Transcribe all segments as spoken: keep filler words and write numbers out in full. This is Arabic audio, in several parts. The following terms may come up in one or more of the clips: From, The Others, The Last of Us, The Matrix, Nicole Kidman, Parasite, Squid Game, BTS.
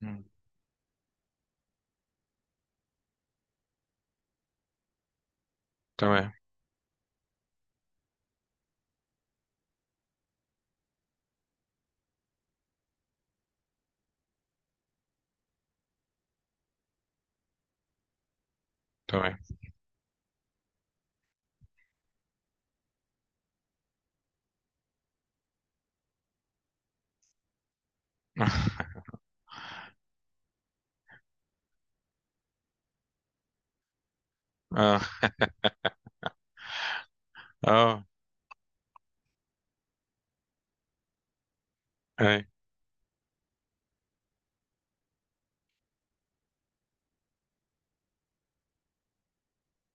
مم. تمام، تمام. اه، اه، اي.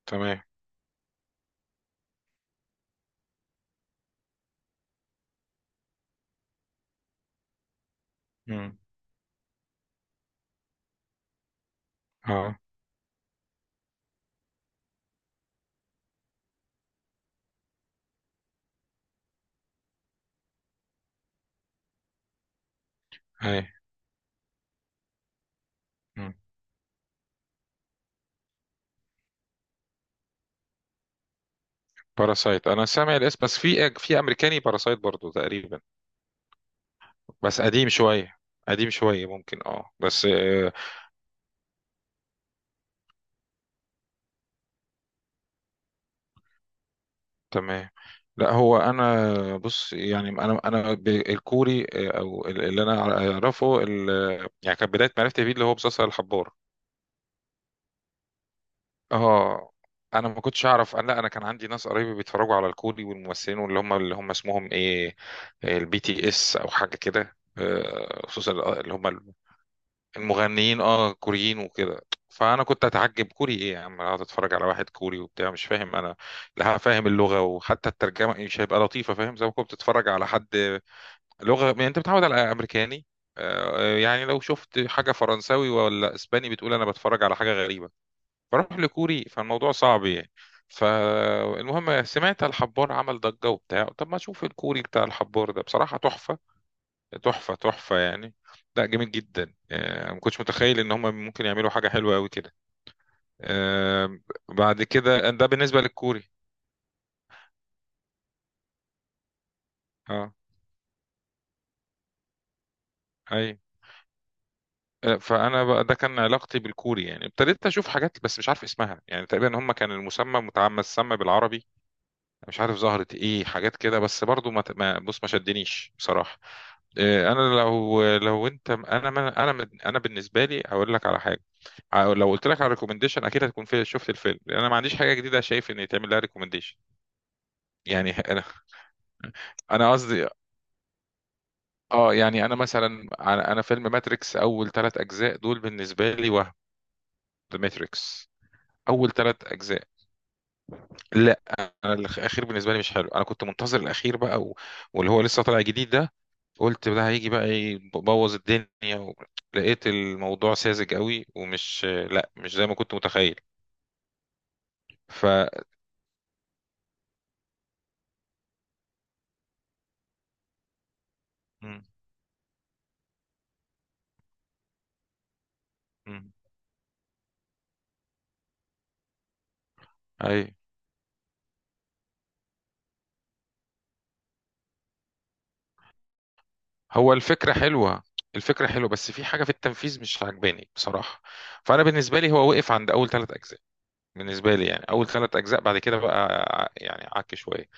تمام. مم. اه، اي. مم. باراسايت، انا سامع الاسم، بس في في امريكاني باراسايت برضو تقريبا. بس قديم شويه، قديم شويه ممكن، اه بس آه. تمام. لا هو انا بص، يعني انا انا ب- الكوري آه، او اللي انا اعرفه ال- يعني كانت بدايه معرفتي بيه اللي هو مسلسل الحبار. اه، انا ما كنتش اعرف، انا لا انا كان عندي ناس قرايبي بيتفرجوا على الكوري والممثلين، واللي هم اللي هم اسمهم ايه، البي تي اس او حاجه كده، آه، خصوصا اللي هم المغنيين، اه كوريين وكده. فانا كنت اتعجب، كوري ايه يا عم، اقعد اتفرج على واحد كوري وبتاع مش فاهم انا، لا فاهم اللغه، وحتى الترجمه مش هيبقى لطيفه، فاهم؟ زي ما كنت بتتفرج على حد لغه، يعني انت متعود على امريكاني، آه، يعني لو شفت حاجه فرنساوي ولا اسباني بتقول انا بتفرج على حاجه غريبه، بروح لكوري، فالموضوع صعب يعني. فالمهم، سمعت الحبار عمل ضجة وبتاع، طب ما اشوف الكوري بتاع الحبار ده، بصراحة تحفة، تحفة تحفة يعني، لا جامد جدا، آه، ما كنتش متخيل ان هم ممكن يعملوا حاجة حلوة قوي كده. آه، بعد كده، ده بالنسبة للكوري. اه، اي. آه، فانا بقى ده كان علاقتي بالكوري، يعني ابتديت اشوف حاجات بس مش عارف اسمها، يعني تقريبا هم كان المسمى متعمد مسمى بالعربي. مش عارف ظهرت ايه حاجات كده، بس برضو ما ما- بص، ما شدنيش بصراحة. إيه، انا لو لو انت، انا ما- انا من- انا بالنسبه لي هقول لك على حاجه، ع- لو قلت لك على ريكومنديشن اكيد هتكون في، شفت الفيلم، لان انا ما عنديش حاجه جديده شايف ان يتعمل لها ريكومنديشن يعني. انا انا قصدي. اه، يعني انا مثلا، انا أنا فيلم ماتريكس، اول ثلاث اجزاء دول بالنسبه لي، وهم ذا ماتريكس، اول ثلاث اجزاء. لا، انا الاخير بالنسبه لي مش حلو، انا كنت منتظر الاخير بقى و- واللي هو لسه طالع جديد ده، قلت ده هيجي بقى يبوظ الدنيا و... لقيت الموضوع ساذج قوي، ومش، لا مش زي ما كنت متخيل. ف مم. مم. اي. هو الفكرة حلوة، الفكرة حلوة بس في حاجة في التنفيذ مش عاجباني بصراحة. فأنا بالنسبة لي هو وقف عند أول ثلاث أجزاء، بالنسبة لي يعني، أول ثلاث أجزاء، بعد كده بقى ع- يعني عك شوية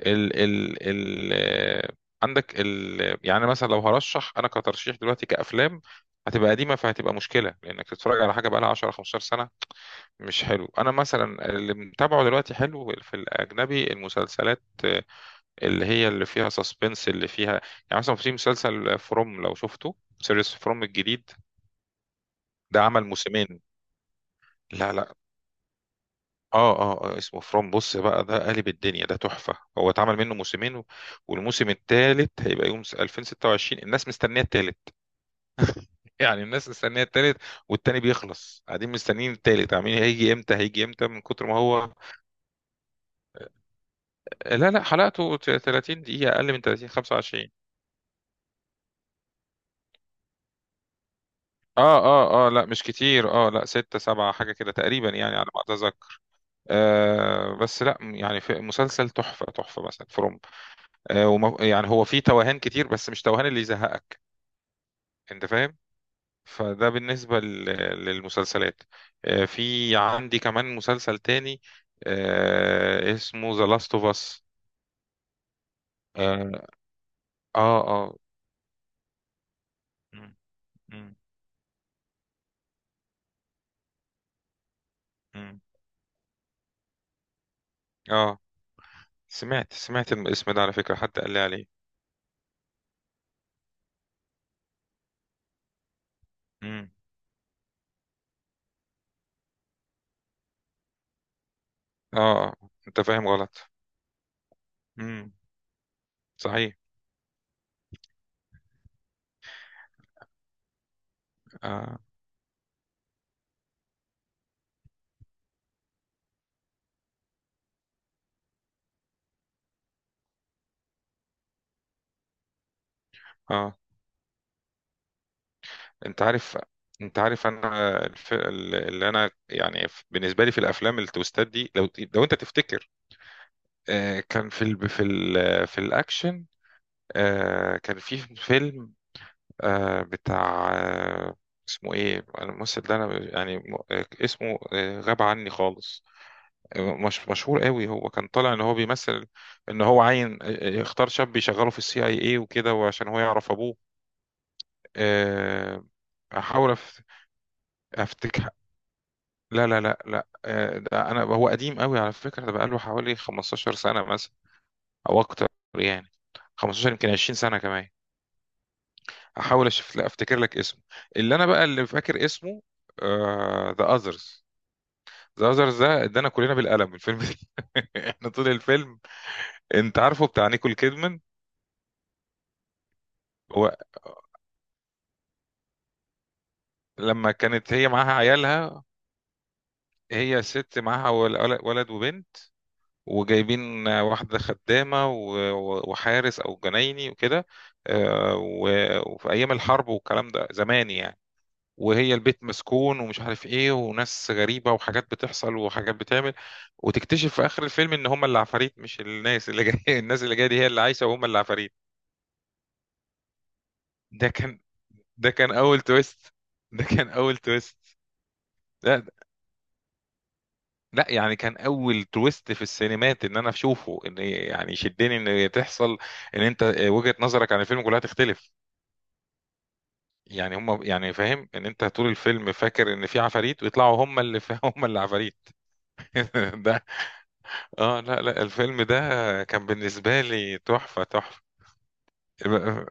ال ال ال آه، عندك ال يعني مثلا لو هرشح أنا كترشيح دلوقتي كأفلام، هتبقى قديمة، فهتبقى مشكلة لأنك تتفرج على حاجة بقى لها عشرة خمسة عشر سنة، مش حلو. انا مثلا اللي متابعه دلوقتي حلو في الاجنبي المسلسلات، آه، اللي هي اللي فيها سسبنس، اللي فيها، يعني مثلا في مسلسل فروم، لو شفته، سيريس فروم الجديد ده، عمل موسمين. لا لا. اه اه، آه، اسمه فروم، بص بقى ده قالب الدنيا، ده تحفة، هو اتعمل منه موسمين و- والموسم الثالث هيبقى يوم ألفين وستة وعشرين، الناس مستنية الثالث. يعني الناس مستنية الثالث، والتاني بيخلص، قاعدين مستنيين الثالث، عاملين هيجي امتى، هيجي امتى، من كتر ما هو. لا لا، حلقته ت- ثلاثين دقيقة، أقل من ثلاثين، خمسة وعشرين. اه اه اه، لا مش كتير، اه، لا ستة سبعة حاجة كده تقريبا يعني على ما اتذكر. آه بس لا، يعني في مسلسل تحفة تحفة مثلا فروم. آه وم... يعني هو فيه توهان كتير، بس مش توهان اللي يزهقك، انت فاهم؟ فده بالنسبة لل- للمسلسلات. آه، في عندي كمان مسلسل تاني، آه اسمه ذا لاست اوف اس. اه اه آه. م- م- م. آه. سمعت، سمعت الاسم ده على فكرة، حد قال لي عليه. امم. اه آه. انت فاهم غلط. امم، صحيح. اه اه. انت عارف، انت عارف انا الف... اللي انا يعني ف- بالنسبه لي في الافلام التويستات دي، لو لو انت تفتكر، آه كان في ال... في ال... في الاكشن، آه كان في فيلم، آه بتاع آه اسمه ايه الممثل ده، انا يعني م- آه، اسمه آه غاب عني خالص، مش مشهور قوي، هو كان طالع ان هو بيمثل ان هو عين، اختار شاب يشغله في السي اي اي وكده، وعشان هو يعرف ابوه. آه، احاول أف- افتكر. لا لا لا لا، آه، ده انا، هو قديم قوي على فكرة، ده بقاله حوالي خمستاشر سنة مثلا او اكتر، يعني خمسة عشر يمكن عشرين سنة كمان. احاول اشوف، لا افتكر لك اسمه، اللي انا بقى اللي فاكر اسمه ذا اذرز. ذا اذرز ده ادانا كلنا بالقلم الفيلم ده. احنا طول الفيلم، انت عارفه بتاع نيكول كيدمان، هو لما كانت هي معاها عيالها، هي ست معاها ول- ول- ولد وبنت، وجايبين واحدة خدامة و- و- وحارس أو جنايني وكده، آه، و- وفي أيام الحرب والكلام ده، زمان يعني، وهي البيت مسكون ومش عارف ايه، وناس غريبة، وحاجات بتحصل وحاجات بتعمل، وتكتشف في آخر الفيلم إن هما العفاريت، مش الناس اللي جاية. الناس اللي جاية دي هي اللي عايشة وهما العفاريت. ده كان ده كان أول تويست، ده كان أول تويست. لا لا، يعني كان اول تويست في السينمات ان انا اشوفه، ان يعني شدني، ان تحصل، ان انت آه، وجهة نظرك عن الفيلم كلها تختلف، يعني هم، يعني فاهم، ان انت طول الفيلم فاكر ان في عفاريت ويطلعوا هم اللي هم اللي عفاريت. ده، اه لا لا، الفيلم ده كان بالنسبة لي تحفة تحفة. اه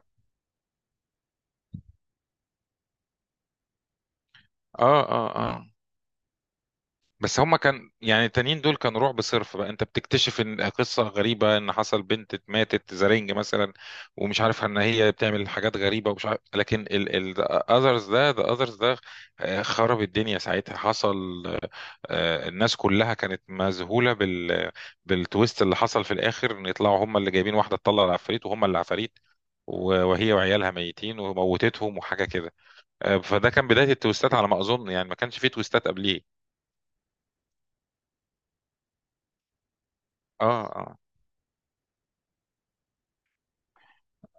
اه اه، بس هما كان يعني التانيين دول كانوا رعب صرف بقى، انت بتكتشف ان قصة غريبة ان حصل بنت ماتت زرينج مثلا، ومش عارف ان هي بتعمل حاجات غريبة ومش عارف، لكن الاذرز ده، ذا اذرز ده، آه، خرب الدنيا ساعتها، حصل، آه، الناس كلها كانت مذهولة بال بالتويست اللي حصل في الاخر، ان يطلعوا هما اللي جايبين واحدة تطلع العفاريت وهما اللي عفاريت، و- وهي وعيالها ميتين، وموتتهم وحاجة كده. آه، فده كان بداية التويستات على ما اظن، يعني ما كانش فيه تويستات قبليه. اه اه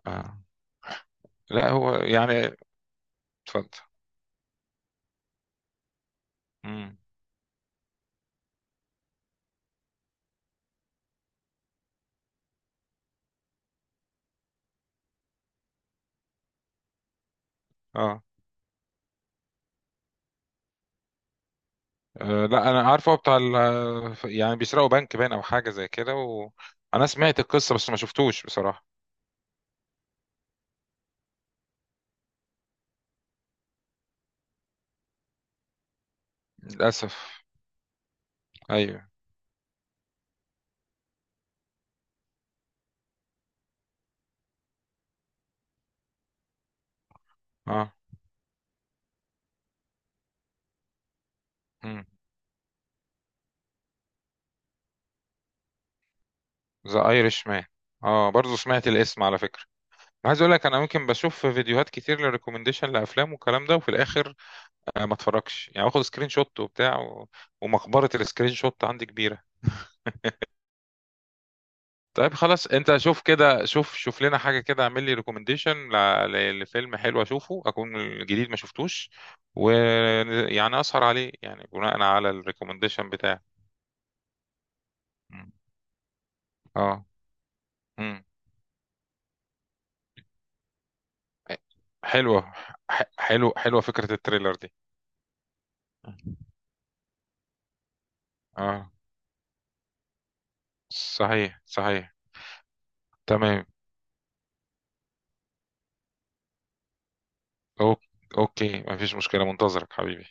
آه. لا هو يعني، اتفضل. امم. اه آه، لا انا عارفه، هو بتاع ال- يعني بيسرقوا بنك باين او حاجه زي كده، وانا سمعت القصه بس ما شفتوش بصراحه. للاسف. ايوه. اه. امم. ذا ايرش مان، اه برضه سمعت الاسم على فكره. عايز اقول لك، انا ممكن بشوف فيديوهات كتير للريكومنديشن لافلام والكلام ده، وفي الاخر آه ما اتفرجش، يعني باخد سكرين شوت وبتاع و... ومقبره السكرين شوت عندي كبيره. طيب خلاص انت شوف كده، شوف شوف لنا حاجه كده، اعمل لي ريكومنديشن لفيلم حلو اشوفه، اكون الجديد ما شفتوش، ويعني اسهر عليه، يعني بناء على الريكومنديشن بتاعك. مم. اه. مم. حلوه، ح- حلو، حلوه فكره التريلر دي. اه، صحيح صحيح. تمام. أوك- اوكي، مفيش مشكله، منتظرك حبيبي.